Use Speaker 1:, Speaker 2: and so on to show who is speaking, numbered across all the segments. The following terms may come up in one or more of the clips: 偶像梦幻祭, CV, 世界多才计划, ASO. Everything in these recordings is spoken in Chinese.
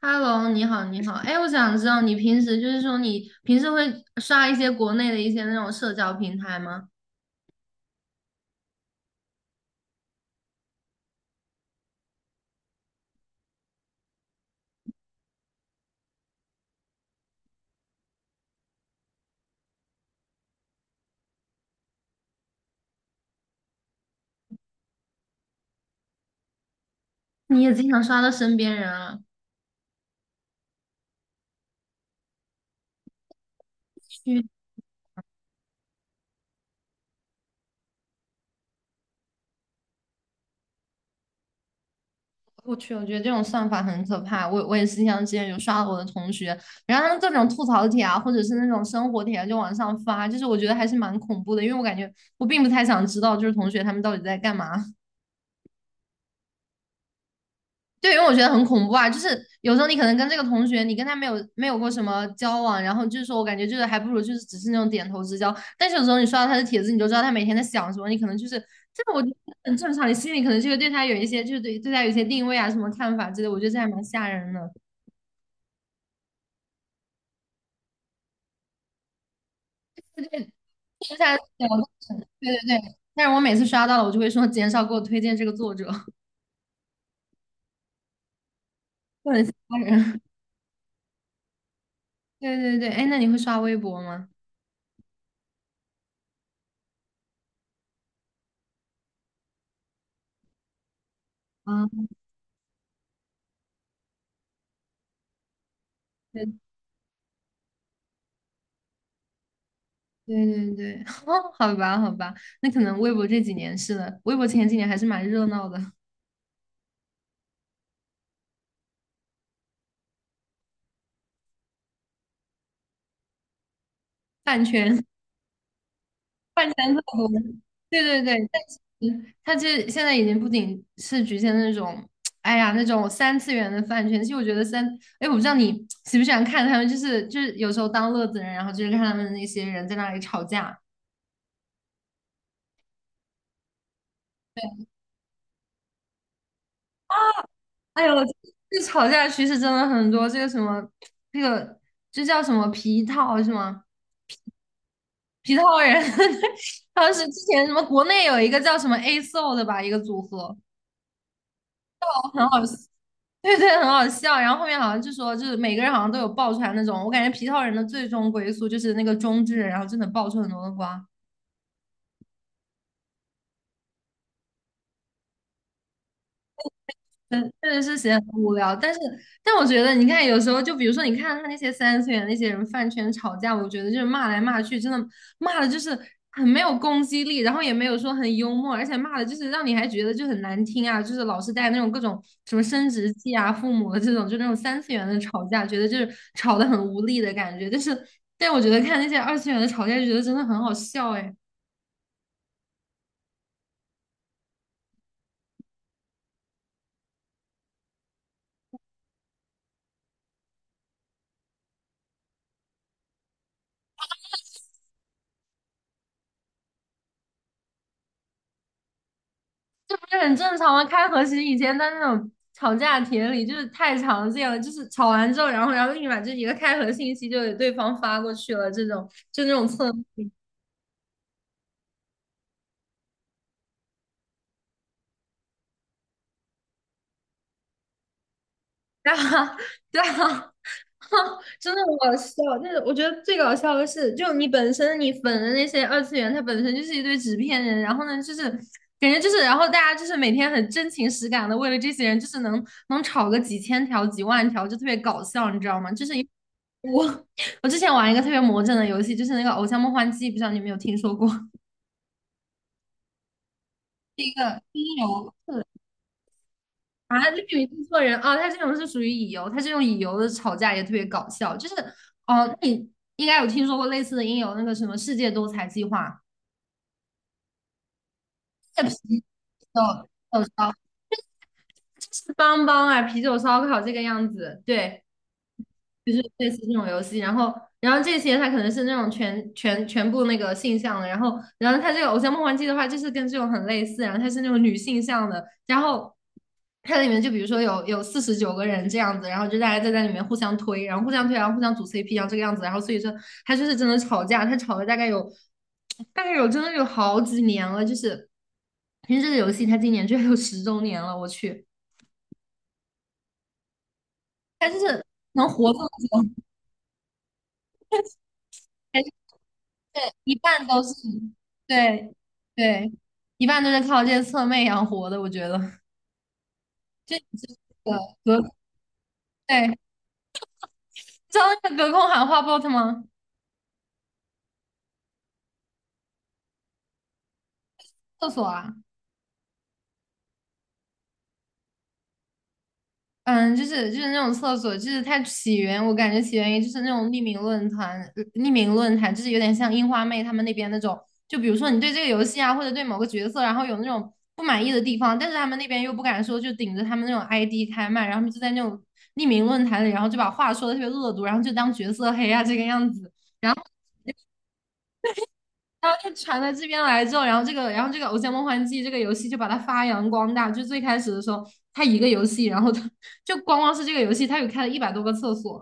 Speaker 1: Hello，你好，你好。哎，我想知道你平时会刷一些国内的一些那种社交平台吗？你也经常刷到身边人啊？去，我去，我觉得这种算法很可怕。我也是像之前有刷到我的同学，然后他们各种吐槽帖啊，或者是那种生活帖啊，就往上发，就是我觉得还是蛮恐怖的，因为我感觉我并不太想知道，就是同学他们到底在干嘛。对，因为我觉得很恐怖啊，就是有时候你可能跟这个同学，你跟他没有过什么交往，然后就是说我感觉就是还不如就是只是那种点头之交，但是有时候你刷到他的帖子，你就知道他每天在想什么，你可能就是这个我觉得很正常，你心里可能就会对他有一些就是对他有一些定位啊什么看法之类的我觉得这还蛮吓人的。接下来对对对，但是我每次刷到了，我就会说减少给我推荐这个作者，就很吓人。对对对，哎，那你会刷微博吗？啊，对对对对，哦，好吧，好吧，那可能微博这几年是的，微博前几年还是蛮热闹的，饭圈饭圈特多。对对对，但是它这现在已经不仅是局限那种，哎呀，那种三次元的饭圈。其实我觉得三，哎，我不知道你喜不喜欢看他们，就是有时候当乐子人，然后就是看他们那些人在那里吵架。哎呦，这吵架趋势真的很多，这个什么，这个这叫什么皮套是吗？皮套人，当时之前什么国内有一个叫什么 ASO 的吧，一个组合，很好 对对，很好笑。然后后面好像就说，就是每个人好像都有爆出来那种，我感觉皮套人的最终归宿就是那个中之人，然后真的爆出很多的瓜。嗯，确实是显得很无聊，但是，但我觉得，你看，有时候就比如说，你看他那些三次元那些人饭圈吵架，我觉得就是骂来骂去，真的骂的就是很没有攻击力，然后也没有说很幽默，而且骂的就是让你还觉得就很难听啊，就是老是带那种各种什么生殖器啊、父母的这种，就那种三次元的吵架，觉得就是吵得很无力的感觉。但是，但我觉得看那些二次元的吵架，就觉得真的很好笑哎。这很正常啊，开和其实以前在那种吵架帖里就是太常见了，就是吵完之后，然后立马就一个开合信息就给对方发过去了，这种就那种蹭，对啊，对啊，真的很搞笑。但是我觉得最搞笑的是，就你本身你粉的那些二次元，它本身就是一堆纸片人，然后呢，就是感觉就是，然后大家就是每天很真情实感的为了这些人，就是能吵个几千条、几万条，就特别搞笑，你知道吗？就是。我之前玩一个特别魔怔的游戏，就是那个《偶像梦幻祭》，不知道你有没有听说过？乙游是啊，绿以为错人啊？他这种是属于乙游，他这种乙游的吵架也特别搞笑。就是哦，那你应该有听说过类似的音游，那个什么世界多才计划，在啤酒烧是邦邦啊，啤酒烧烤这个样子。对，就是类似这种游戏，然后，然后这些它可能是那种全部那个性向的，然后，然后它这个《偶像梦幻祭》的话，就是跟这种很类似，然后它是那种女性向的，然后它里面就比如说有49个人这样子，然后就大家在里面互相推然后互相组 CP,然后这个样子，然后所以说它就是真的吵架，它吵了大概有真的有好几年了，就是因为这个游戏它今年居然有10周年了，我去，它就是能活这么久。对，一半都是，对对，一半都是靠这些侧妹养活的，我觉得。这个隔，对，知道那个隔空喊话 bot 吗？厕所啊，嗯，就是那种厕所，就是它起源，我感觉起源于就是那种匿名论坛就是有点像樱花妹他们那边那种，就比如说你对这个游戏啊，或者对某个角色，然后有那种不满意的地方，但是他们那边又不敢说，就顶着他们那种 ID 开麦，然后他们就在那种匿名论坛里，然后就把话说的特别恶毒，然后就当角色黑啊这个样子。然后。然后就传到这边来之后，然后这个，然后这个《偶像梦幻祭》这个游戏就把它发扬光大。就最开始的时候，它一个游戏，然后它就光光是这个游戏，它有开了100多个厕所。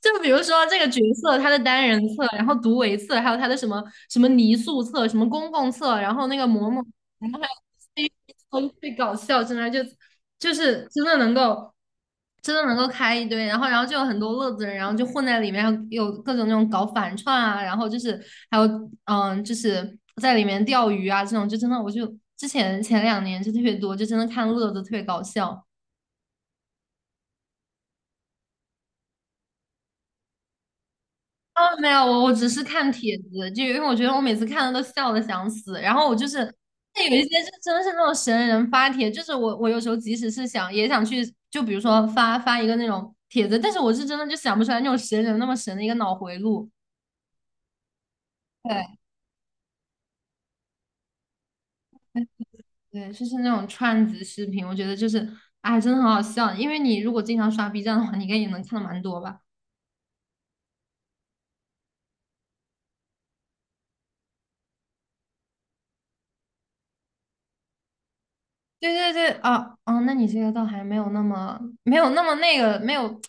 Speaker 1: 就比如说这个角色他的单人册，然后独维册，还有他的什么什么泥塑册、什么公共册，然后那个嬷嬷，然后还有 c 好，特最搞笑，真的就就是真的能够开一堆，然后就有很多乐子人，然后就混在里面，然后有各种那种搞反串啊，然后就是还有嗯，就是在里面钓鱼啊这种，就真的我就之前前两年就特别多，就真的看乐子特别搞笑。哦，没有，我只是看帖子，就因为我觉得我每次看的都笑的想死。然后我就是，那有一些是真的是那种神人发帖，就是我我有时候即使是想也想去，就比如说发发一个那种帖子，但是我是真的就想不出来那种神人那么神的一个脑回路。对对，就是那种串子视频，我觉得就是哎，真的很好笑。因为你如果经常刷 B 站的话，你应该也能看的蛮多吧？对对对，啊啊，那你这个倒还没有那么没有那么那个没有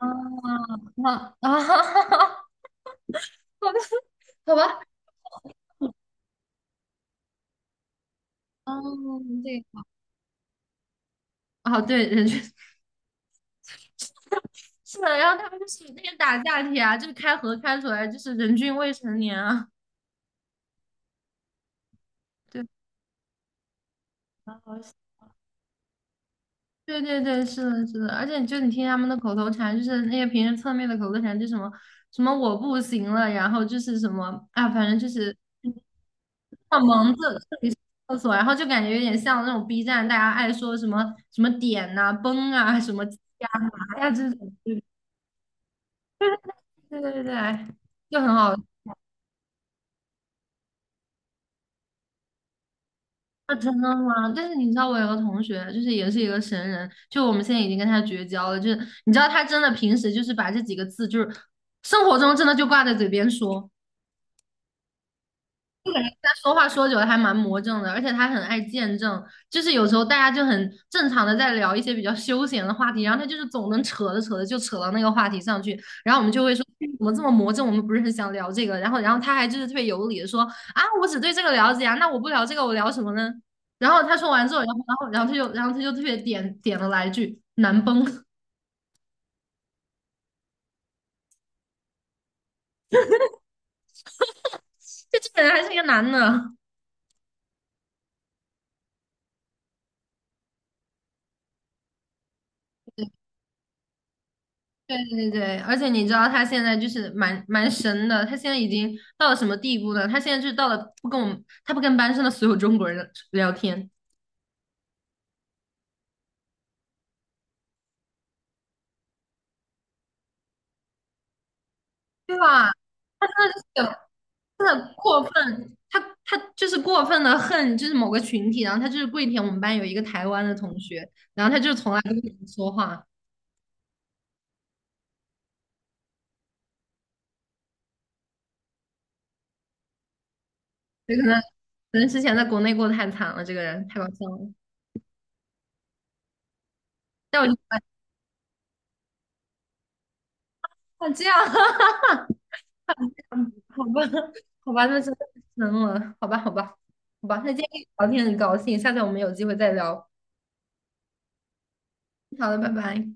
Speaker 1: 啊啊啊！好的，好吧。哦，对，哦，对，人均 是的，然后他们就是那个打架帖啊，就是开合开出来，就是人均未成年啊，对，好好笑对对对，是的，是的，而且就你听他们的口头禅，就是那些平时侧面的口头禅，就什么什么我不行了，然后就是什么啊，反正就是像蒙着这里是厕所，然后就感觉有点像那种 B 站大家爱说什么什么点呐、崩啊、什么鸡啊、麻呀这种，对对对对，哎就很好。啊，真的吗？但是你知道，我有个同学，就是也是一个神人，就我们现在已经跟他绝交了。就是你知道，他真的平时就是把这几个字，就是生活中真的就挂在嘴边说。我感觉他说话说久了还蛮魔怔的，而且他很爱见证，就是有时候大家就很正常的在聊一些比较休闲的话题，然后他就是总能扯着扯着就扯到那个话题上去，然后我们就会说嗯怎么这么魔怔，我们不是很想聊这个，然后他还就是特别有理的说啊，我只对这个了解啊，那我不聊这个我聊什么呢？然后他说完之后，然后然后然后他就然后他就特别点了来一句难崩，就这个人还是一个男的，对对对，而且你知道他现在就是蛮神的，他现在已经到了什么地步呢？他现在就是到了不跟我们，他不跟班上的所有中国人聊天，对吧？他真的就是有真的过分，他就是过分的恨，就是某个群体，然后他就是跪舔我们班有一个台湾的同学，然后他就从来都不跟我们说话，所可能可能之前在国内过得太惨了，这个人太搞笑了，但我就不敢像这样。嗯，好吧，好吧，那真的太深了，好吧，好吧，好吧，那今天跟你聊天很高兴，下次我们有机会再聊，好的，拜拜。